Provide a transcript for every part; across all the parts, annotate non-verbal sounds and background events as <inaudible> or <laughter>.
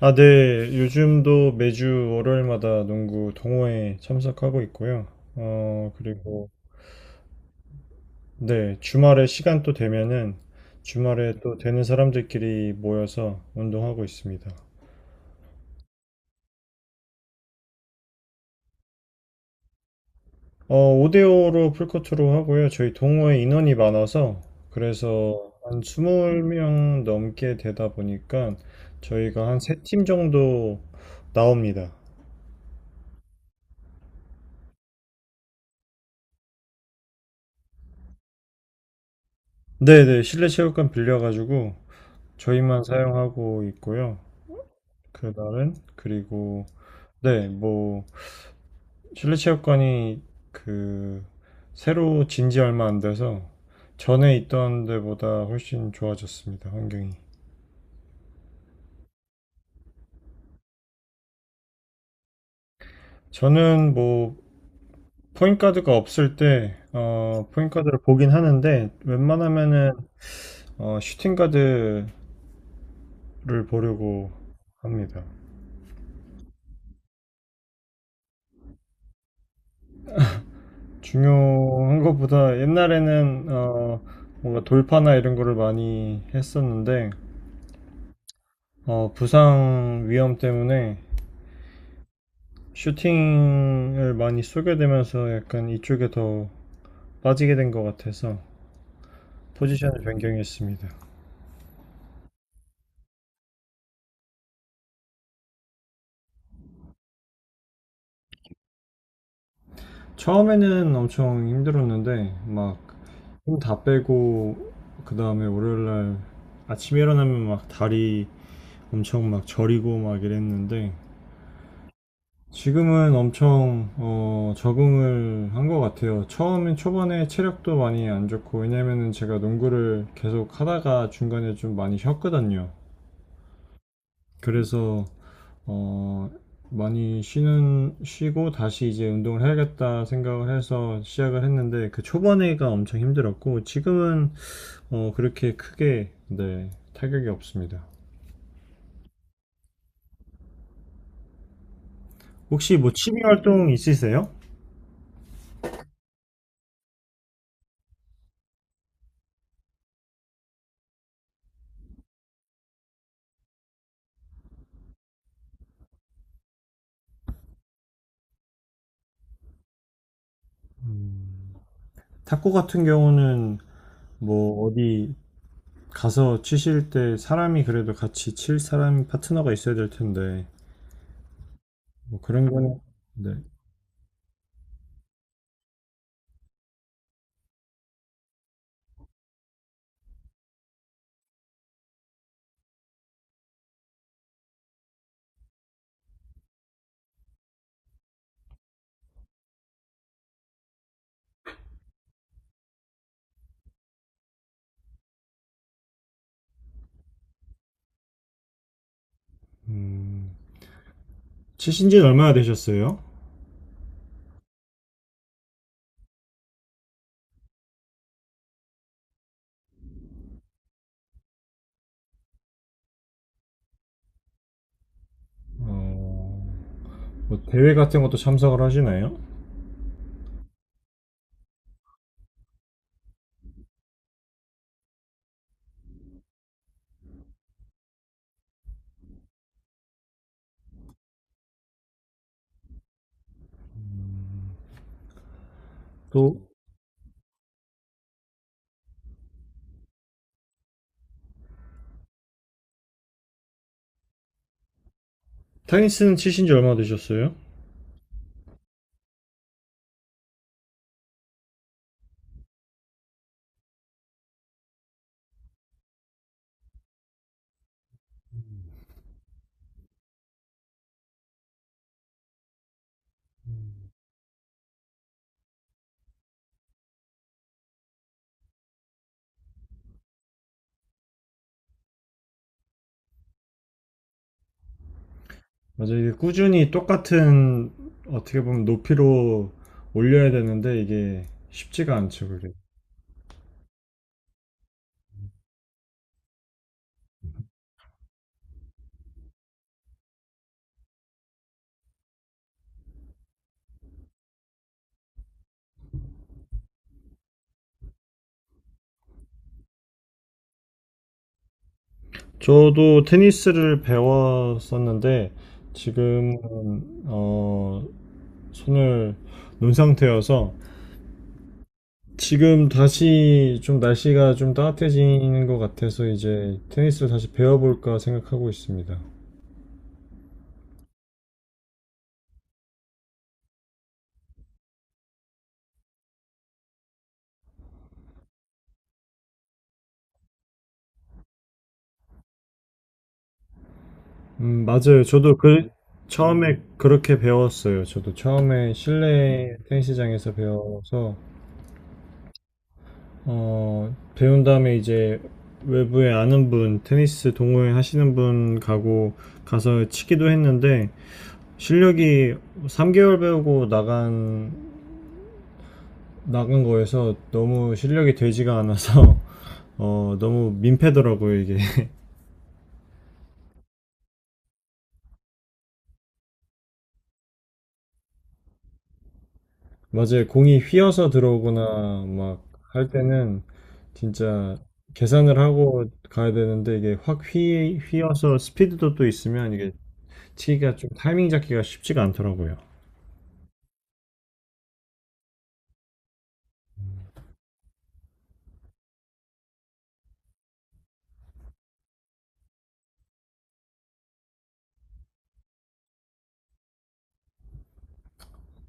아, 네. 요즘도 매주 월요일마다 농구 동호회 참석하고 있고요. 그리고 네, 주말에 시간 또 되면은 주말에 또 되는 사람들끼리 모여서 운동하고 있습니다. 어, 5대5로 풀코트로 하고요. 저희 동호회 인원이 많아서 그래서 한 20명 넘게 되다 보니까 저희가 한 세 팀 정도 나옵니다. 네네, 실내 체육관 빌려가지고 저희만 사용하고 있고요. 그날은 그리고 네, 뭐 실내 체육관이 그 새로 진지 얼마 안 돼서 전에 있던 데보다 훨씬 좋아졌습니다. 환경이. 저는 뭐 포인트가드가 없을 때 포인트가드를 보긴 하는데 웬만하면은 슈팅가드를 보려고 합니다. 중요한 것보다 옛날에는 뭔가 돌파나 이런 거를 많이 했었는데 부상 위험 때문에 슈팅을 많이 쏘게 되면서 약간 이쪽에 더 빠지게 된 것 같아서 포지션을 변경했습니다. 처음에는 엄청 힘들었는데 막 힘 다 빼고 그 다음에 월요일날 아침에 일어나면 막 다리 엄청 막 저리고 막 이랬는데 지금은 엄청 적응을 한 것 같아요. 처음엔 초반에 체력도 많이 안 좋고 왜냐면은 제가 농구를 계속 하다가 중간에 좀 많이 쉬었거든요. 그래서 어, 많이 쉬고 다시 이제 운동을 해야겠다 생각을 해서 시작을 했는데 그 초반에가 엄청 힘들었고 지금은 그렇게 크게, 네, 타격이 없습니다. 혹시 뭐 취미 활동 있으세요? 탁구 같은 경우는 뭐 어디 가서 치실 때 사람이 그래도 같이 칠 사람 파트너가 있어야 될 텐데 뭐 그런 거는 네. 음, 치신 지는 얼마나 되셨어요? 어, 뭐 대회 같은 것도 참석을 하시나요? 또 테니스는 치신 지 얼마나 되셨어요? 맞아, 이게 꾸준히 똑같은 어떻게 보면 높이로 올려야 되는데 이게 쉽지가 않죠, 그게. 저도 테니스를 배웠었는데 지금 어 손을 놓은 상태여서 지금 다시 좀 날씨가 좀 따뜻해지는 것 같아서 이제 테니스를 다시 배워볼까 생각하고 있습니다. 맞아요. 저도 그 처음에 그렇게 배웠어요. 저도 처음에 실내 테니스장에서 배워서 배운 다음에 이제 외부에 아는 분, 테니스 동호회 하시는 분 가고 가서 치기도 했는데 실력이 3개월 배우고 나간 거에서 너무 실력이 되지가 않아서 <laughs> 너무 민폐더라고요, 이게. 맞아요. 공이 휘어서 들어오거나 막 할 때는 진짜 계산을 하고 가야 되는데 이게 확 휘어서 스피드도 또 있으면 이게 치기가 좀 타이밍 잡기가 쉽지가 않더라고요.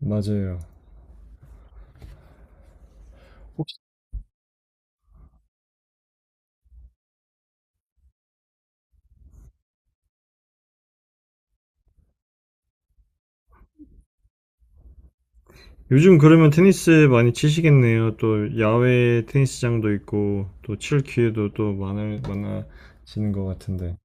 맞아요. 요즘 그러면 테니스 많이 치시겠네요. 또 야외 테니스장도 있고 또 칠 기회도 또 많아지는 것 같은데.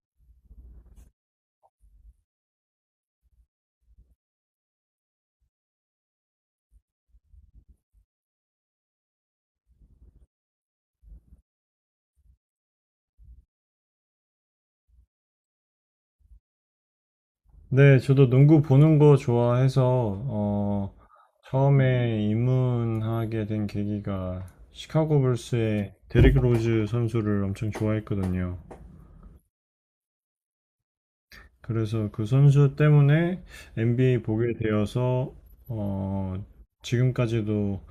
네, 저도 농구 보는 거 좋아해서, 어, 처음에 입문하게 된 계기가 시카고 불스의 데릭 로즈 선수를 엄청 좋아했거든요. 그래서 그 선수 때문에 NBA 보게 되어서, 어, 지금까지도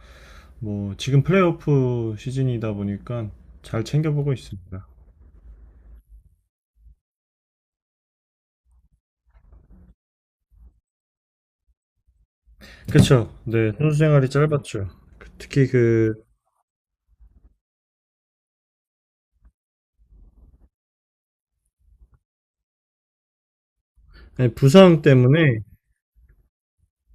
뭐, 지금 플레이오프 시즌이다 보니까 잘 챙겨보고 있습니다. 그쵸. 네, 선수 생활이 짧았죠. 특히 아니, 부상 때문에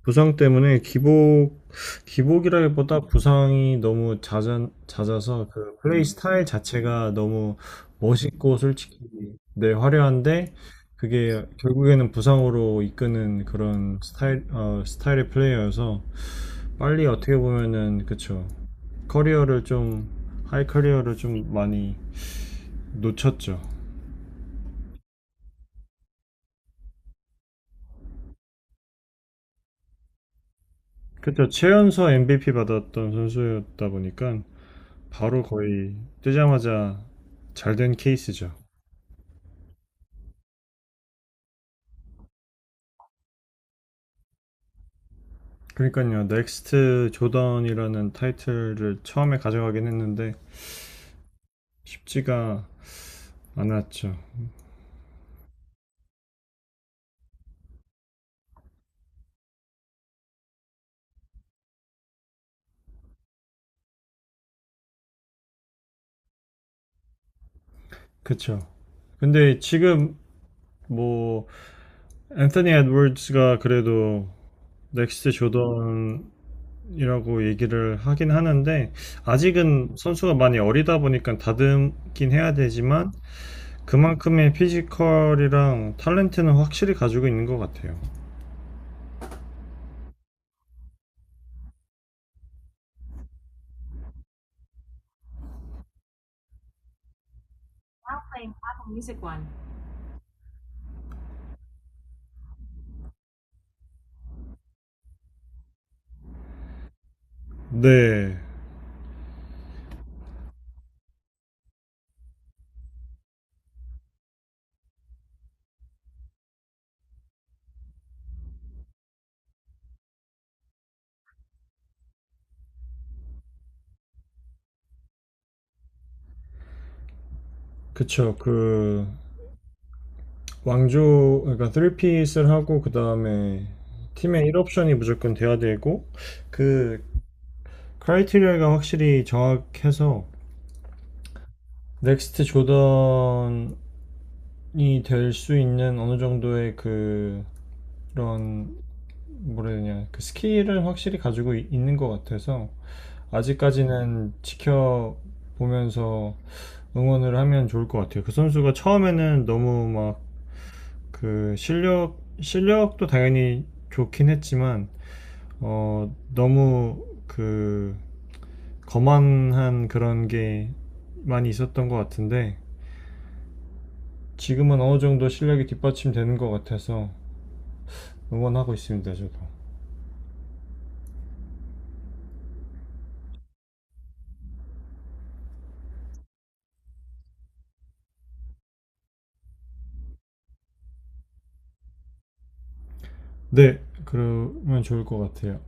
부상 때문에 기복이라기보다 부상이 너무 잦아서 그 플레이 스타일 자체가 너무 멋있고 솔직히 네, 화려한데 그게 결국에는 부상으로 이끄는 그런 스타일의 플레이어여서 빨리 어떻게 보면은 그쵸. 커리어를 좀, 하이 커리어를 좀 많이 놓쳤죠. 그쵸. 최연소 MVP 받았던 선수였다 보니까 바로 거의 뜨자마자 잘 된 케이스죠. 그러니까요, 넥스트 조던이라는 타이틀을 처음에 가져가긴 했는데 쉽지가 않았죠. 그쵸? 근데 지금 뭐 앤서니 에드워즈가 그래도 넥스트 조던이라고 얘기를 하긴 하는데 아직은 선수가 많이 어리다 보니까 다듬긴 해야 되지만 그만큼의 피지컬이랑 탤런트는 확실히 가지고 있는 것 같아요. 네, 그쵸. 그 왕조 그러니까 3핏을 하고 그다음에 팀의 1옵션이 무조건 돼야 되고 그 크라이테리아가 확실히 정확해서 넥스트 조던이 될 수 있는 어느 정도의 그 그런 뭐라 해야 되냐 그 스킬을 확실히 가지고 있는 것 같아서 아직까지는 지켜보면서 응원을 하면 좋을 것 같아요. 그 선수가 처음에는 너무 막 그 실력도 당연히 좋긴 했지만 너무 그 거만한 그런 게 많이 있었던 것 같은데 지금은 어느 정도 실력이 뒷받침되는 것 같아서 응원하고 있습니다, 저도. 네, 그러면 좋을 것 같아요.